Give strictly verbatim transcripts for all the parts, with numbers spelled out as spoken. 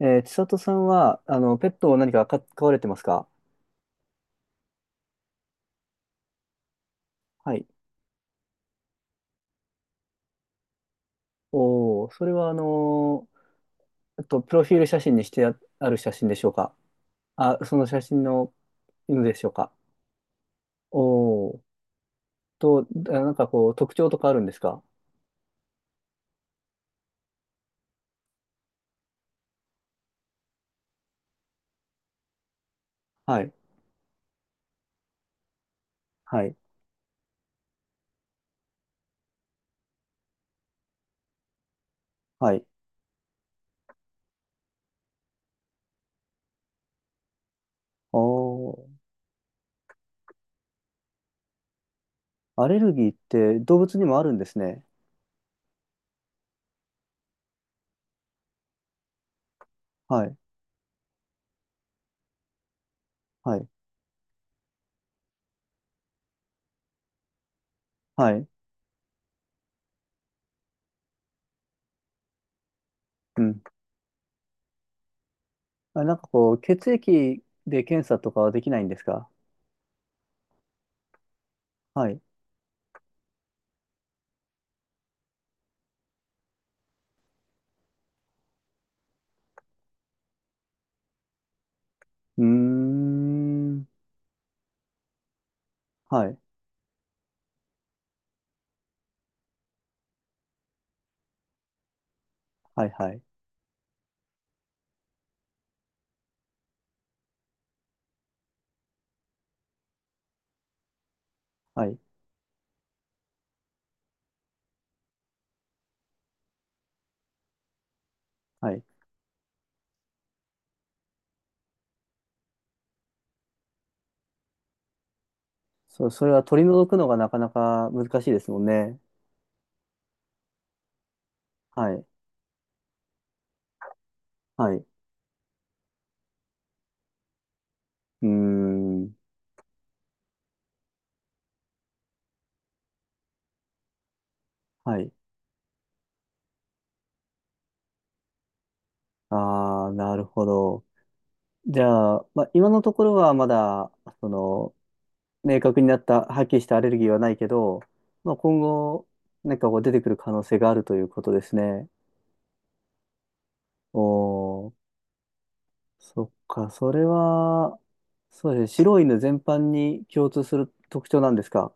えー、千里さんは、あの、ペットを何か飼飼われてますか？はい。おー、それはあのーえっと、プロフィール写真にしてあ、ある写真でしょうか？あ、その写真の犬でしょうか？おー。と、あなんかこう、特徴とかあるんですか？はい、はい、はい。おー、アレルギーって動物にもあるんですね。はい、はい、はい。うん。あ、なんかこう、血液で検査とかはできないんですか？はい。うーん。はい、はい、はい、はい。はい。そう、それは取り除くのがなかなか難しいですもんね。はい。はい。うーん。はい。ああ、なるほど。じゃあ、まあ、今のところはまだ、その、明確になった、はっきりしたアレルギーはないけど、まあ、今後、なんかこう出てくる可能性があるということですね。おー、そっか、それは、そうですね。白い犬全般に共通する特徴なんですか。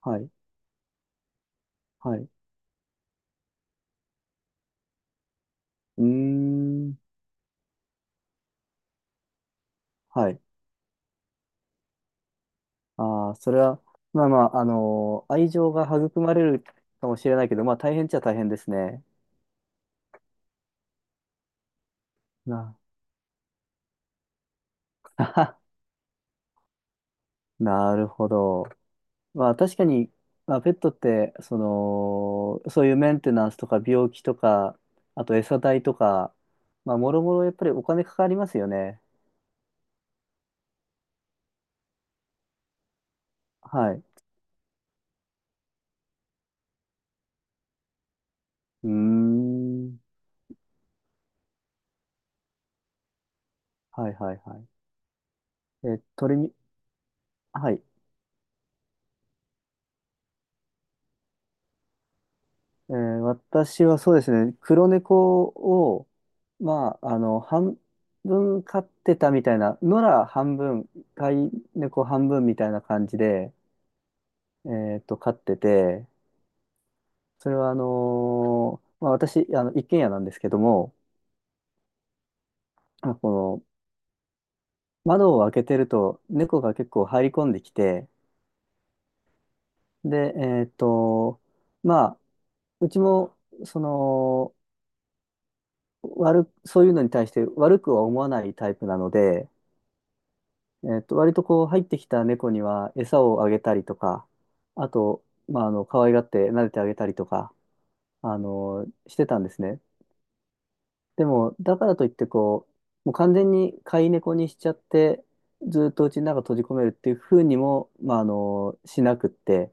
はい。はい。うーん。はい。ああ、それは、まあまあ、あのー愛情が育まれるかもしれないけど、まあ大変っちゃ大変ですね。な、なるほど。まあ確かに、まあ、ペットって、その、そういうメンテナンスとか病気とか、あと餌代とか、まあもろもろやっぱりお金かかりますよね。はい。うーん。はいはいはい。え、鳥に、はい。えー私はそうですね、黒猫を、まあ、あの、半分飼ってたみたいな、野良半分、飼い猫半分みたいな感じで、えっと、飼ってて、それはあのーまあ、私、あの、一軒家なんですけども、まあこの、窓を開けてると、猫が結構入り込んできて、で、えっと、まあ、うちも、その、悪、そういうのに対して悪くは思わないタイプなので、えっと、割とこう入ってきた猫には餌をあげたりとか、あと、まあ、あの、可愛がって撫でてあげたりとか、あの、してたんですね。でも、だからといってこう、もう完全に飼い猫にしちゃって、ずっとうちの中閉じ込めるっていうふうにも、まあ、あの、しなくって、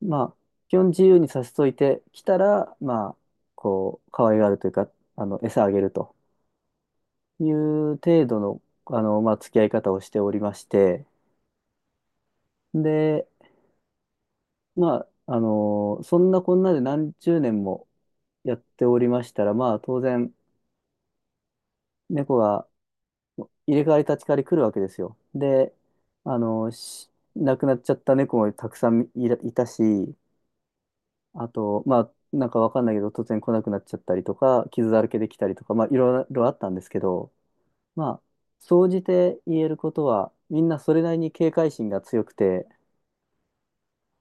まあ、基本自由にさせといてきたら、まあ、こう、可愛がるというか、あの、餌あげるという程度の、あの、まあ、付き合い方をしておりまして、で、まあ、あのーそんなこんなで何十年もやっておりましたら、まあ、当然、猫が入れ替わり立ち替わり来るわけですよ。で、あのーし亡くなっちゃった猫もたくさんいら、いたし、あと、まあ、なんかわかんないけど、突然来なくなっちゃったりとか、傷だらけできたりとか、まあ、いろいろあったんですけど、まあ、総じて言えることは、みんなそれなりに警戒心が強くて、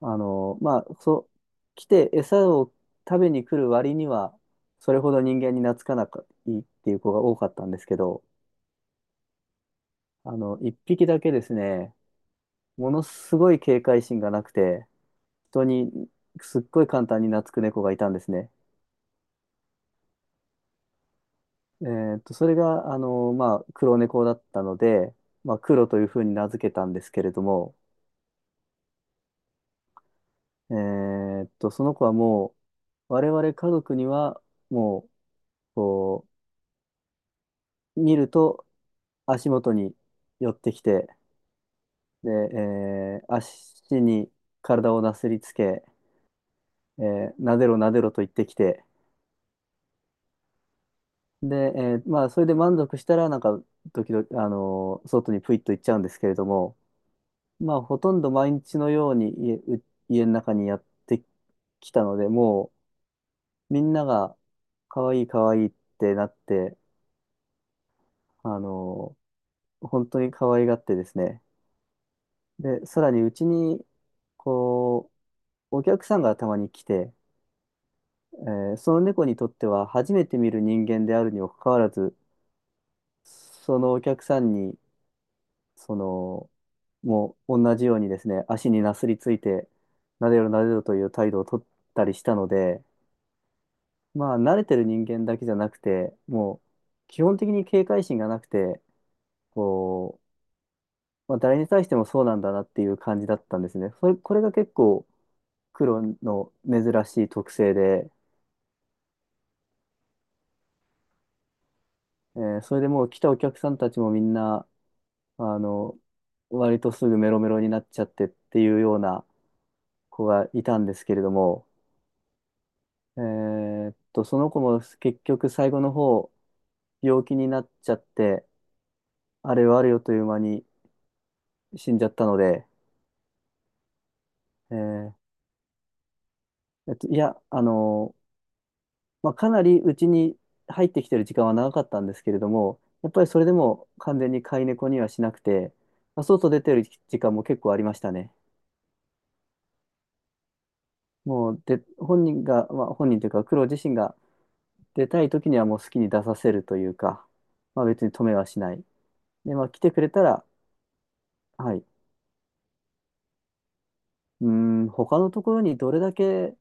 あの、まあ、そう、来て餌を食べに来る割には、それほど人間に懐かなくいいっていう子が多かったんですけど、あの、一匹だけですね、ものすごい警戒心がなくて、人にすっごい簡単に懐く猫がいたんですね。えーっと、それが、あの、まあ、黒猫だったので、まあ、黒というふうに名付けたんですけれども、えーっと、その子はもう、我々家族には、もう、こう、見ると、足元に寄ってきて、で、えー足に体をなすりつけ、えーなでろなでろと言ってきて、で、えーまあ、それで満足したら、なんか、時々、あのー外にプイッと行っちゃうんですけれども、まあ、ほとんど毎日のように家、う家の中にやってきたので、もう、みんなが、可愛い可愛いってなって、あのー本当に可愛がってですね、で、さらにうちに、こう、お客さんがたまに来て、えーその猫にとっては初めて見る人間であるにもかかわらず、そのお客さんに、その、もう同じようにですね、足になすりついて、なでろなでろという態度をとったりしたので、まあ、慣れてる人間だけじゃなくて、もう、基本的に警戒心がなくて、こう、まあ、誰に対してもそうなんだなっていう感じだったんですね。それ、これが結構、黒の珍しい特性で、えーそれでもう来たお客さんたちもみんな、あの、割とすぐメロメロになっちゃってっていうような子がいたんですけれども、えーっと、その子も結局最後の方、病気になっちゃって、あれはあれよという間に死んじゃったので、えーえっと、いや、あの、まあ、かなりうちに入ってきてる時間は長かったんですけれども、やっぱりそれでも完全に飼い猫にはしなくて、まあ、外出てる時間も結構ありましたね。もう、で、本人が、まあ、本人というか、黒自身が出たい時にはもう好きに出させるというか、まあ別に止めはしない。で、まあ来てくれたら、はい。うーん、他のところにどれだけ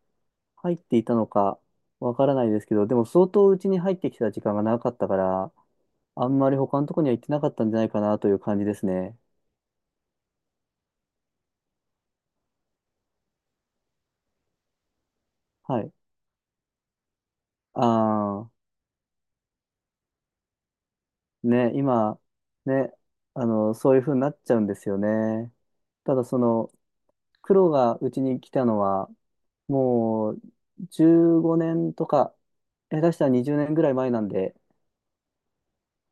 入っていたのかわからないですけど、でも相当うちに入ってきた時間が長かったから、あんまり他のところには行ってなかったんじゃないかなという感じですね。はい。ああ、ね、今、ね、あの、そういう風になっちゃうんですよね。ただその、黒がうちに来たのは、もうじゅうごねんとか、下手したらにじゅうねんぐらい前なんで、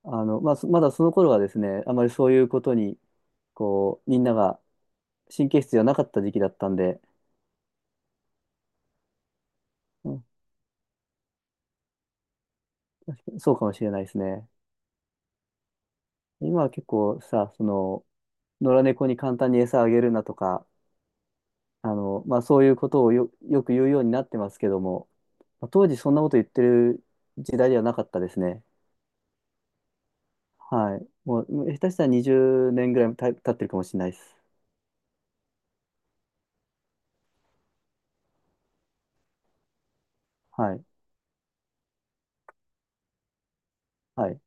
あの、まあ、そまだその頃はですね、あまりそういうことに、こう、みんなが神経質じゃなかった時期だったんで、うん、そうかもしれないですね。今は結構さ、その、野良猫に簡単に餌あげるなとか、あの、まあ、そういうことをよ、よく言うようになってますけども、まあ、当時そんなこと言ってる時代ではなかったですね。はい。もう、下手したらにじゅうねんぐらいた経ってるかもしれないです。はい。はい。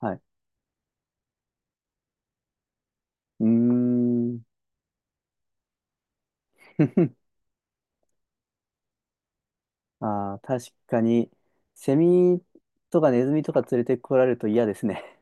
はい。うーん。ああ、確かに、セミとかネズミとか連れてこられると嫌ですね。